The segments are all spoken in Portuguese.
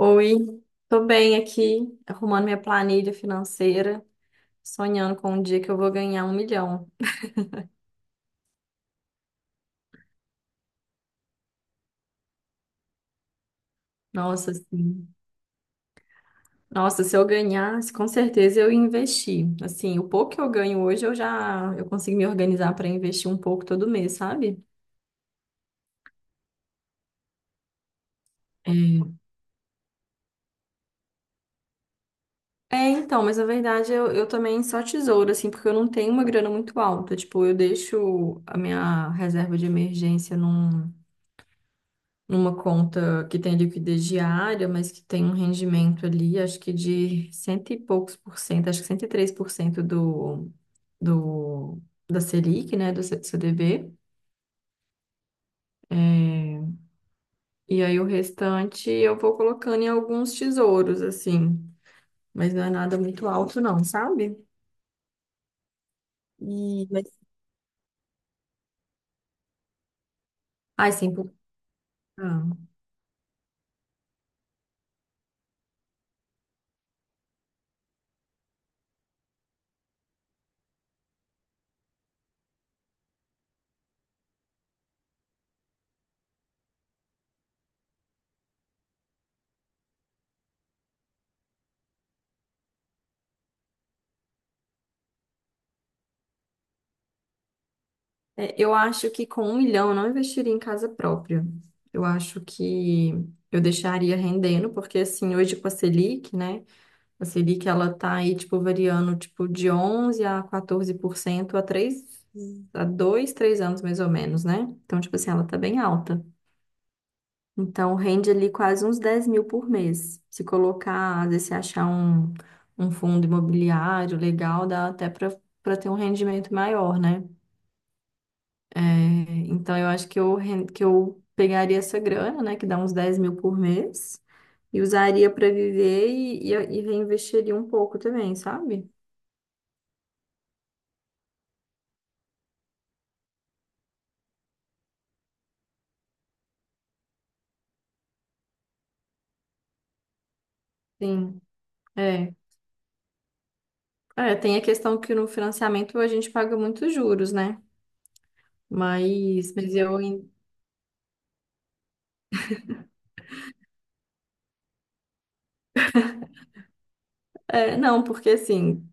Oi, tô bem aqui, arrumando minha planilha financeira, sonhando com um dia que eu vou ganhar um milhão. Nossa, assim, nossa, se eu ganhasse, com certeza eu ia investir. Assim, o pouco que eu ganho hoje, eu consigo me organizar para investir um pouco todo mês, sabe? É, é, então, mas na verdade eu também só tesouro, assim, porque eu não tenho uma grana muito alta. Tipo, eu deixo a minha reserva de emergência numa conta que tem liquidez diária, mas que tem um rendimento ali, acho que de cento e poucos por cento, acho que 103% do, da Selic, né, do CDB. É, e aí o restante eu vou colocando em alguns tesouros, assim, mas não é nada muito alto não, sabe? Mas... Ai, 100%. É, eu acho que com um milhão eu não investiria em casa própria. Eu acho que eu deixaria rendendo, porque assim, hoje com a Selic, né? A Selic, ela tá aí, tipo, variando, tipo, de 11 a 14% há dois, três anos mais ou menos, né? Então, tipo assim, ela tá bem alta. Então, rende ali quase uns 10 mil por mês. Se colocar, às vezes, se achar um fundo imobiliário legal, dá até para ter um rendimento maior, né? É, então eu acho que que eu pegaria essa grana, né, que dá uns 10 mil por mês, e usaria para viver e reinvestiria um pouco também, sabe? Sim, é. É, tem a questão que no financiamento a gente paga muitos juros, né? Mas eu. É, não, porque assim,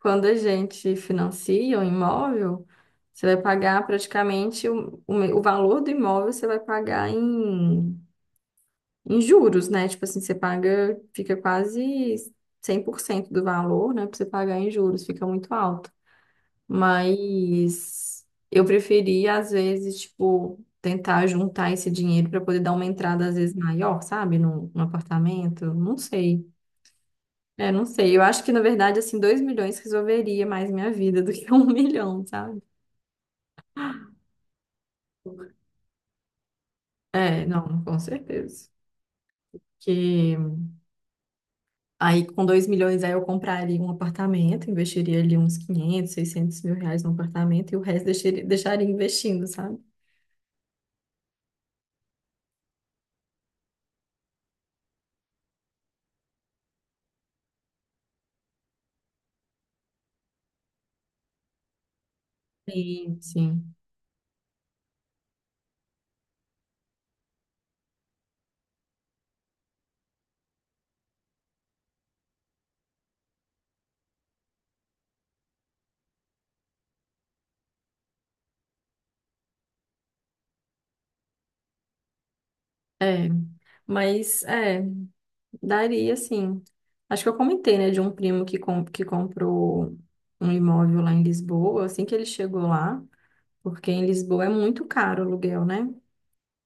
quando a gente financia um imóvel, você vai pagar praticamente o valor do imóvel, você vai pagar em juros, né? Tipo assim, você paga, fica quase 100% do valor, né? Pra você pagar em juros, fica muito alto. Mas eu preferia, às vezes, tipo, tentar juntar esse dinheiro para poder dar uma entrada, às vezes, maior, sabe? Num apartamento, não sei. É, não sei. Eu acho que, na verdade, assim, 2 milhões resolveria mais minha vida do que um milhão, sabe? É, não, com certeza. Porque Aí, com 2 milhões, aí eu compraria um apartamento, investiria ali uns 500, 600 mil reais no apartamento e o resto deixaria investindo, sabe? Sim, sim. É. Mas, é, daria sim. Acho que eu comentei, né, de um primo que comprou um imóvel lá em Lisboa, assim que ele chegou lá, porque em Lisboa é muito caro o aluguel, né?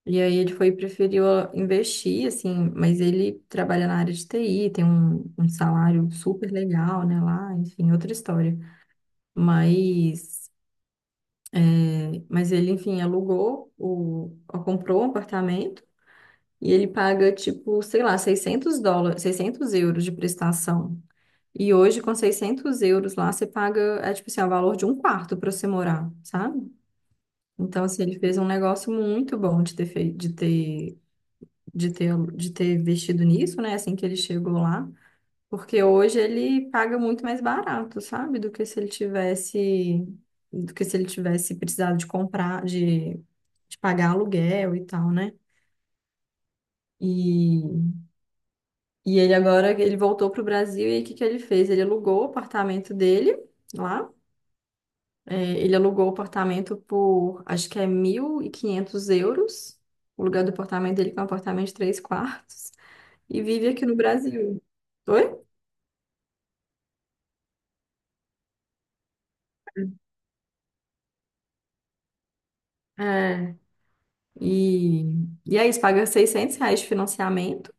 E aí ele foi e preferiu ah, investir, assim, mas ele trabalha na área de TI, tem um salário super legal, né, lá, enfim, outra história. Mas, é, mas ele, enfim, alugou, comprou um apartamento e ele paga, tipo, sei lá, 600 dólares, 600 euros de prestação. E hoje, com seiscentos euros lá, você paga, é tipo assim, é o valor de um quarto para você morar, sabe? Então, assim, ele fez um negócio muito bom de ter feito, de ter investido nisso, né? Assim que ele chegou lá. Porque hoje ele paga muito mais barato, sabe? Do que se ele tivesse, do que se ele tivesse precisado de comprar, de pagar aluguel e tal, né? E, e ele agora, ele voltou para o Brasil e aí o que que ele fez? Ele alugou o apartamento dele lá. É, ele alugou o apartamento por, acho que é 1.500 euros. O lugar do apartamento dele, que é um apartamento de 3 quartos. E vive aqui no Brasil. Oi? É, e, e é isso, paga 600 reais de financiamento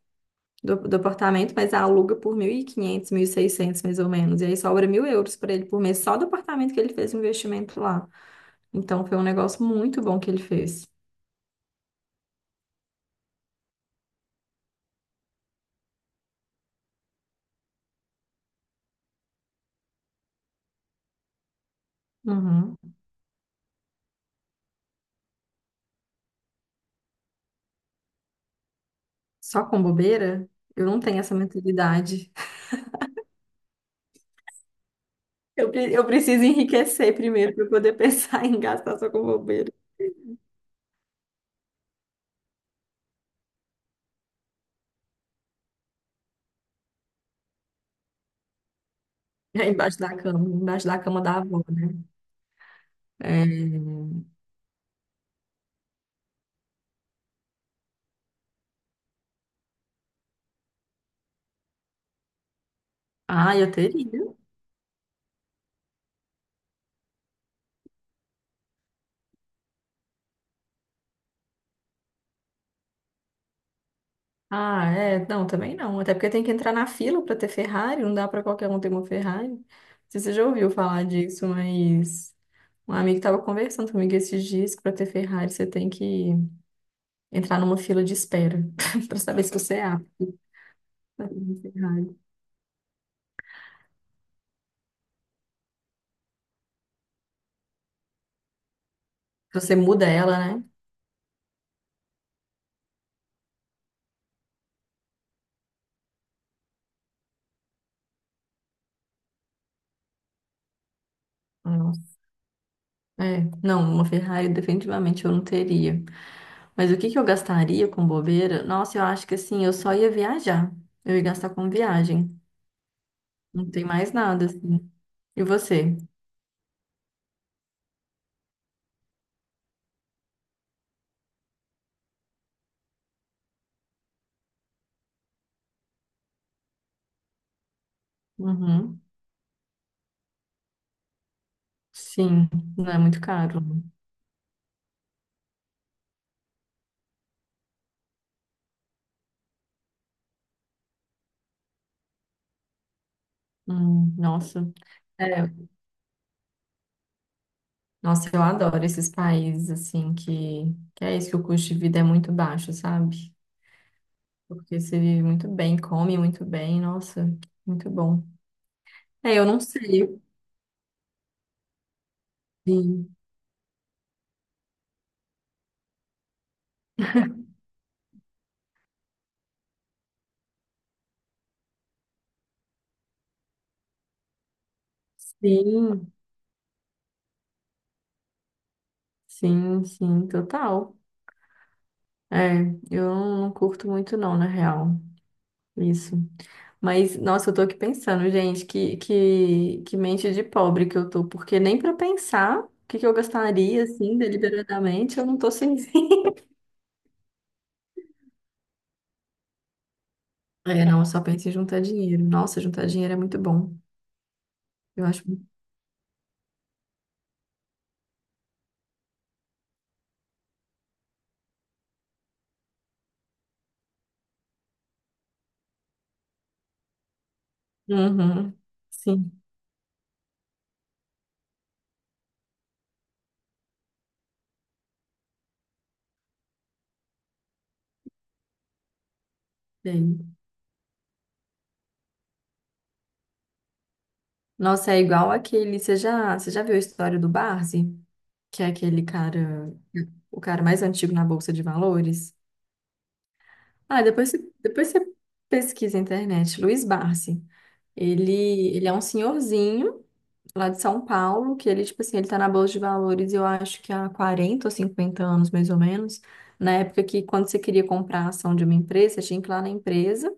do apartamento, mas aluga por mil mil e quinhentos mil e seiscentos mais ou menos. E aí sobra 1.000 euros para ele por mês, só do apartamento que ele fez o investimento lá. Então foi um negócio muito bom que ele fez. Uhum. Só com bobeira, eu não tenho essa mentalidade. Eu preciso enriquecer primeiro para poder pensar em gastar só com bobeira. É embaixo da cama da avó, né? É, ah, eu teria. Ah, é, não, também não. Até porque tem que entrar na fila para ter Ferrari, não dá para qualquer um ter uma Ferrari. Não sei se você já ouviu falar disso, mas um amigo estava conversando comigo esses dias que para ter Ferrari você tem que entrar numa fila de espera para saber se você é apto para ter uma Ferrari. Se você muda ela, né? Nossa. É, não, uma Ferrari definitivamente eu não teria. Mas o que que eu gastaria com bobeira? Nossa, eu acho que assim, eu só ia viajar. Eu ia gastar com viagem. Não tem mais nada, assim. E você? Uhum. Sim, não é muito caro. Nossa. É, nossa, eu adoro esses países assim que é isso que o custo de vida é muito baixo, sabe? Porque você vive muito bem, come muito bem, nossa, muito bom. É, eu não sei. Sim, sim, sim, sim, total. É, eu não curto muito não, na real. Isso. Mas, nossa, eu tô aqui pensando, gente, que mente de pobre que eu tô, porque nem pra pensar o que eu gastaria, assim, deliberadamente, eu não tô sem fim. É, não, eu só penso em juntar dinheiro. Nossa, juntar dinheiro é muito bom. Eu acho. Uhum, sim, sei. Nossa, é igual aquele. Você já viu a história do Barzi? Que é aquele cara, o cara mais antigo na Bolsa de Valores? Ah, depois você pesquisa na internet, Luiz Barzi. Ele, ele é um senhorzinho lá de São Paulo, que ele, tipo assim, ele tá na Bolsa de Valores, eu acho que há 40 ou 50 anos, mais ou menos, na época que quando você queria comprar a ação de uma empresa, você tinha que ir lá na empresa,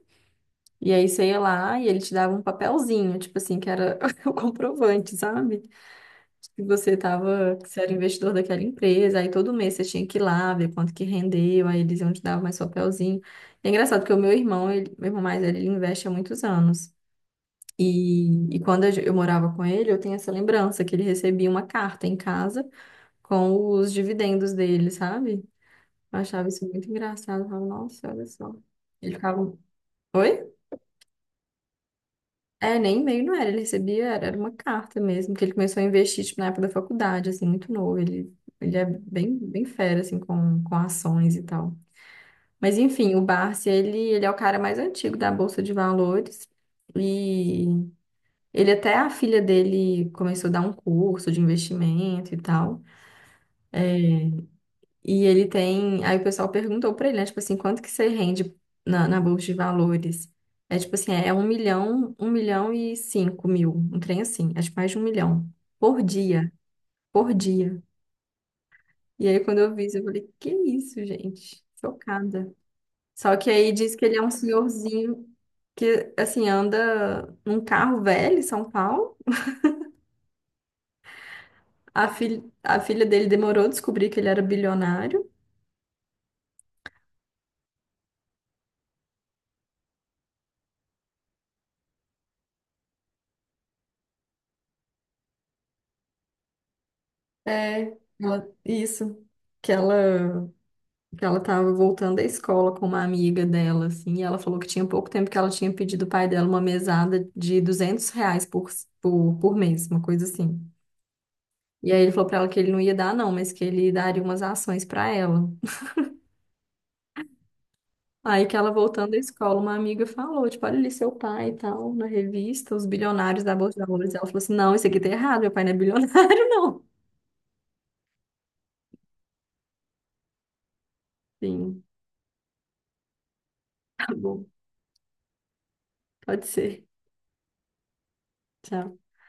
e aí você ia lá e ele te dava um papelzinho, tipo assim, que era o comprovante, sabe? Que você tava, que você era investidor daquela empresa, aí todo mês você tinha que ir lá ver quanto que rendeu, aí eles iam te dar mais papelzinho. É engraçado porque o meu irmão, meu irmão mais velho, ele investe há muitos anos. E quando eu morava com ele, eu tenho essa lembrança que ele recebia uma carta em casa com os dividendos dele, sabe? Eu achava isso muito engraçado. Eu falava, nossa, olha só. Ele ficava. Oi? É, nem e-mail não era, ele recebia, era uma carta mesmo, que ele começou a investir, tipo, na época da faculdade, assim, muito novo. Ele é bem, bem fera, assim, com ações e tal. Mas enfim, o Barsi, ele é o cara mais antigo da Bolsa de Valores. E Ele até a filha dele começou a dar um curso de investimento e tal. E ele tem. Aí o pessoal perguntou pra ele, né? Tipo assim, quanto que você rende na bolsa de valores? É tipo assim, é um milhão, 1.005.000, um trem assim, acho que mais de um milhão por dia, por dia. E aí quando eu vi isso, eu falei, que isso, gente? Chocada. Só que aí diz que ele é um senhorzinho que, assim, anda num carro velho em São Paulo. A, fil... a filha dele demorou a descobrir que ele era bilionário. É, isso. Que ela... que ela tava voltando à escola com uma amiga dela, assim, e ela falou que tinha pouco tempo que ela tinha pedido o pai dela uma mesada de 200 reais por mês, uma coisa assim. E aí ele falou pra ela que ele não ia dar, não, mas que ele daria umas ações pra ela. Aí que ela voltando da escola, uma amiga falou, tipo, olha ali seu pai e tal, na revista, os bilionários da Bolsa de Valores. Ela falou assim, não, isso aqui tá errado, meu pai não é bilionário, não. Sim. Tá bom, pode ser. Tchau.